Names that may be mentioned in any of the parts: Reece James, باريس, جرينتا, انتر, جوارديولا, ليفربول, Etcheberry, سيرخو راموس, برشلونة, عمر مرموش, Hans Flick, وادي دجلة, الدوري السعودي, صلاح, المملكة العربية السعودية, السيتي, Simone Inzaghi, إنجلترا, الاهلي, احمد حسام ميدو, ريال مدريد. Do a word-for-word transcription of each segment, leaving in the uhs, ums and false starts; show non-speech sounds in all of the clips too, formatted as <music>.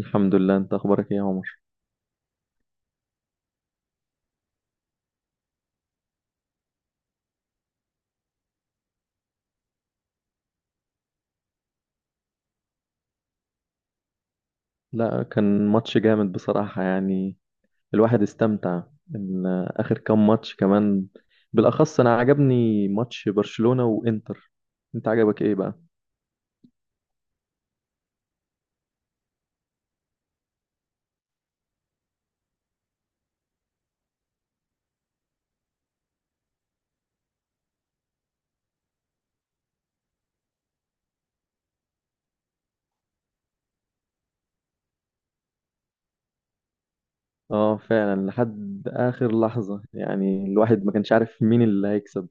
الحمد لله، انت اخبارك ايه يا عمر؟ لا، كان ماتش جامد بصراحة يعني. الواحد استمتع ان اخر كام ماتش كمان. بالاخص انا عجبني ماتش برشلونة وانتر. انت عجبك ايه بقى؟ اه فعلا، لحد اخر لحظة يعني الواحد ما كانش عارف مين اللي هيكسب.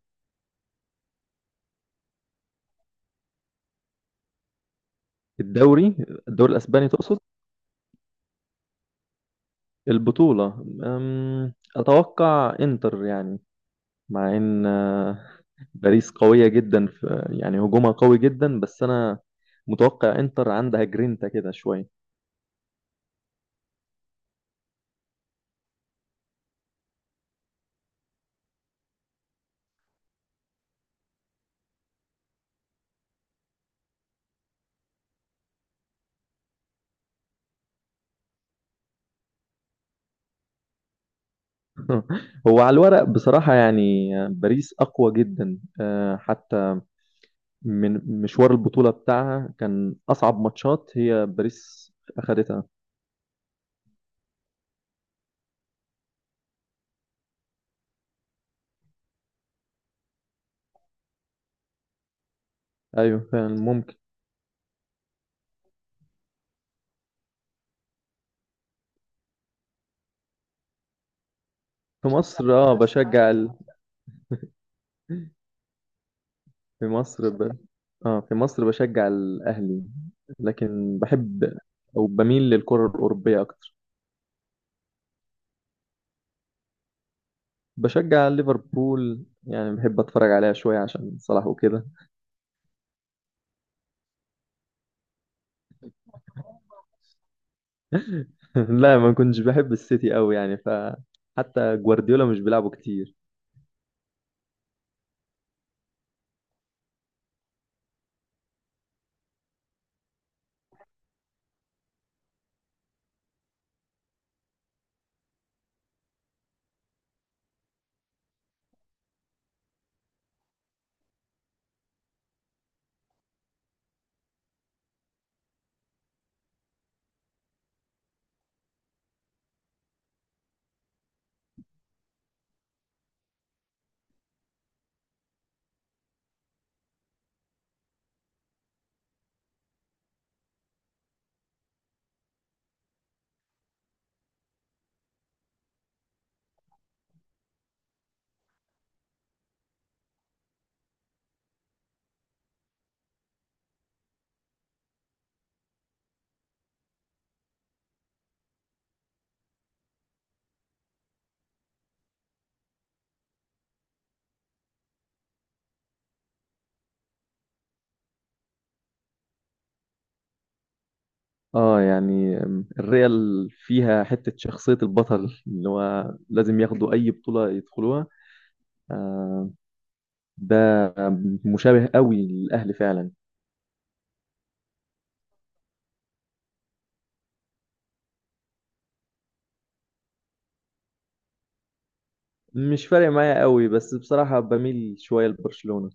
الدوري؟ الدوري الاسباني تقصد؟ البطولة، أم، اتوقع انتر يعني. مع ان آه، باريس قوية جدا في يعني هجومها قوي جدا، بس انا متوقع انتر عندها جرينتا كده شوية. <laughs> هو على الورق بصراحة يعني آه، باريس اقوى جدا. آه، حتى من مشوار البطولة بتاعها، كان اصعب ماتشات هي باريس اخدتها. ايوه فعلا، ممكن. في مصر اه بشجع ال... في مصر ب... اه في مصر بشجع الاهلي. لكن بحب او بميل للكرة الاوروبية اكتر. بشجع ليفربول يعني، بحب اتفرج عليها شوية عشان صلاح وكده. <laughs> لا، ما كنتش بحب السيتي قوي يعني، فحتى جوارديولا مش بيلعبه كتير. اه يعني الريال فيها حتة شخصية البطل اللي هو لازم ياخدوا أي بطولة يدخلوها. آه ده مشابه قوي للأهلي فعلا. مش فارق معايا قوي، بس بصراحة بميل شوية لبرشلونة.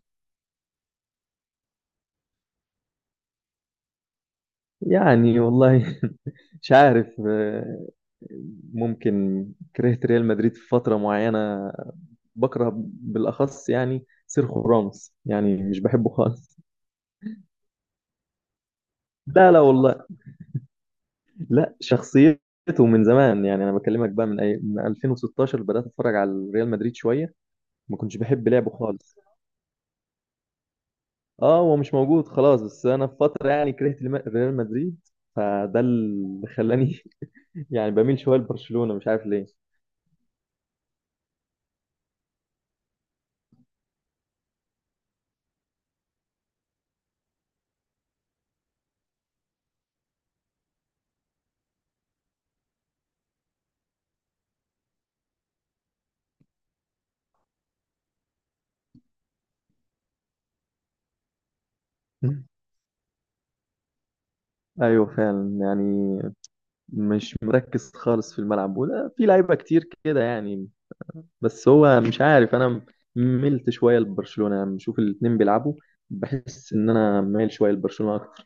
يعني والله <laughs> مش عارف، آه، ممكن كرهت ريال مدريد في فترة معينة. بكره بالأخص يعني سيرخو راموس، يعني مش بحبه خالص. لا لا والله، لا شخصيته من زمان يعني. أنا بكلمك بقى من أي من ألفين وستاشر بدأت أتفرج على ريال مدريد شوية. ما كنتش بحب لعبه خالص. اه، هو مش موجود خلاص، بس أنا في فترة يعني كرهت الم- ريال مدريد. فده اللي خلاني <laughs> يعني بميل شوية لبرشلونة، مش عارف ليه. <laughs> ايوه فعلا يعني، مش مركز خالص في الملعب، وده في لعيبه كتير كده يعني. بس هو مش عارف، انا ملت شويه لبرشلونه لما بشوف الاتنين بيلعبوا. بحس ان انا مايل شويه لبرشلونه اكتر.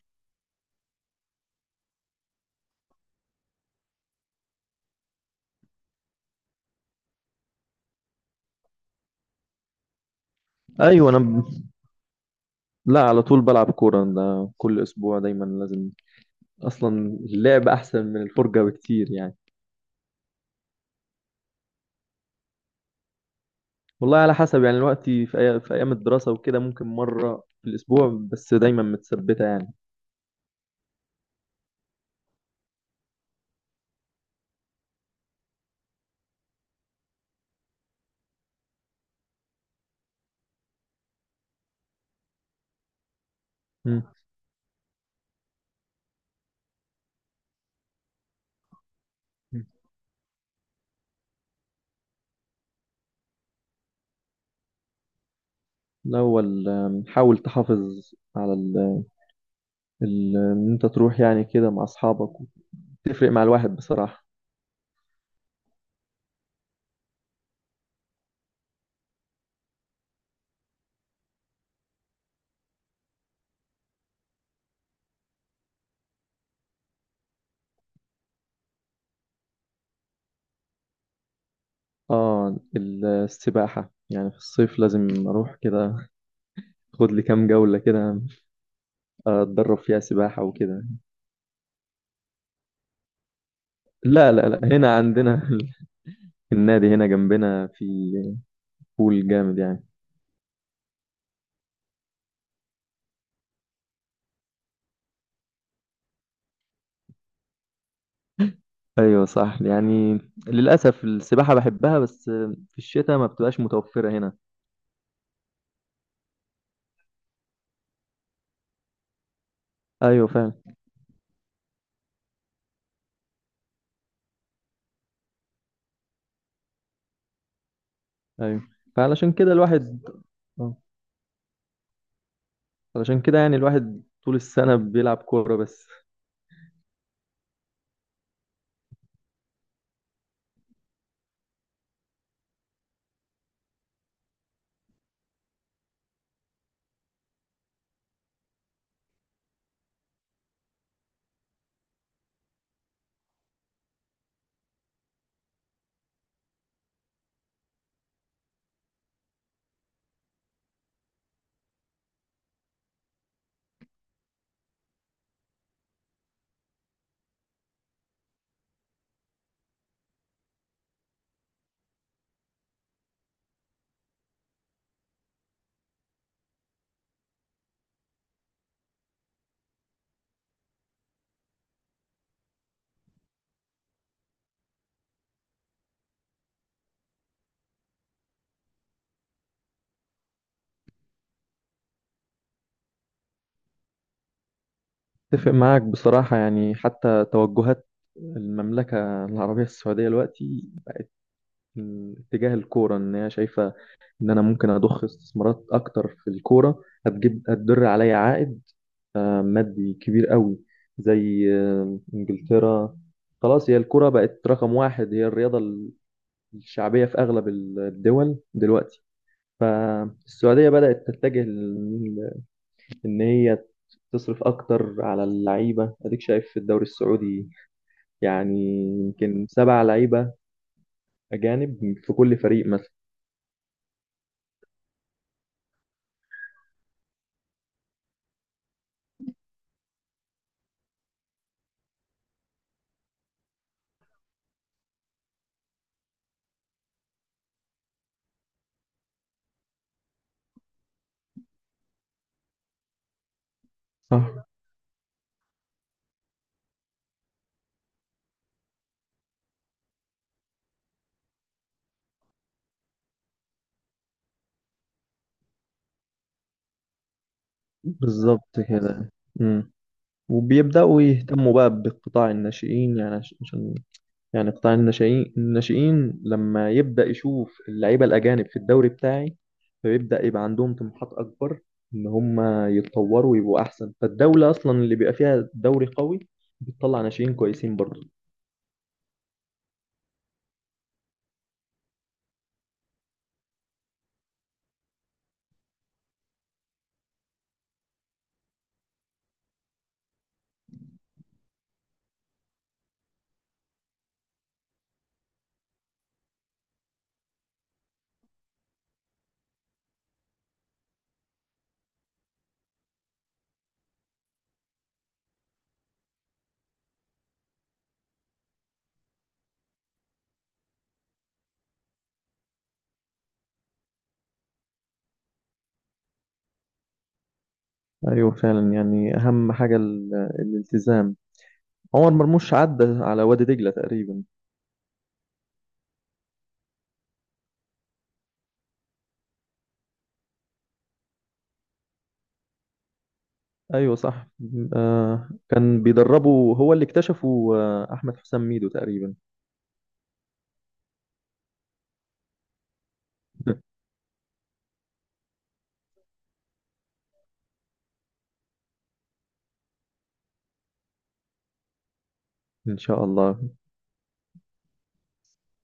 ايوه، انا ب... لا، على طول بلعب كوره، ده كل اسبوع دايما لازم. اصلا اللعب احسن من الفرجه بكتير يعني. والله على حسب يعني الوقت، في, أي... في ايام الدراسه وكده ممكن مره في الاسبوع، بس دايما متثبته يعني. مم. الاول آم، حاول تحافظ على ال- ان انت تروح يعني كده مع اصحابك، تفرق مع الواحد بصراحة. اه، السباحة يعني في الصيف لازم اروح كده، خد لي كام جولة كده اتدرب فيها سباحة وكده. لا لا لا، هنا عندنا <laughs> النادي هنا جنبنا، في بول جامد يعني. ايوه صح يعني، للاسف السباحة بحبها، بس في الشتاء ما بتبقاش متوفرة هنا. ايوه فعلا. ايوه، فعلشان كده الواحد، آه، علشان كده يعني الواحد طول السنة بيلعب كورة بس. اتفق معاك بصراحة، يعني حتى توجهات المملكة العربية السعودية دلوقتي تجاه الكورة، إن هي شايفة إن أنا ممكن أضخ استثمارات أكتر في الكورة هتجيب هتدر عليا عائد آه، مادي كبير قوي، زي آه، إنجلترا. خلاص، هي الكورة بقت رقم واحد، هي الرياضة الشعبية في أغلب الدول دلوقتي. فالسعودية بدأت تتجه لل- إن هي تصرف أكتر على اللعيبة. أديك شايف في الدوري السعودي يعني يمكن سبع لعيبة أجانب في كل فريق مثلا. صح. بالظبط كده. مم. وبيبدأوا يهتموا بقى بقطاع الناشئين يعني عش- عشان يعني قطاع الناشئين الناشئين لما يبدأ يشوف اللعيبة الأجانب في الدوري بتاعي، فبيبدأ يبقى عندهم طموحات أكبر إن هم يتطوروا ويبقوا أحسن. فالدولة أصلا اللي بيبقى فيها دوري قوي بتطلع ناشئين كويسين برضه. ايوه فعلا يعني، اهم حاجة ال- الالتزام. عمر مرموش عدى على وادي دجلة تقريبا. ايوه صح. آه كان بيدربه، هو اللي اكتشفه آه احمد حسام ميدو تقريبا. <laughs> ان شاء الله.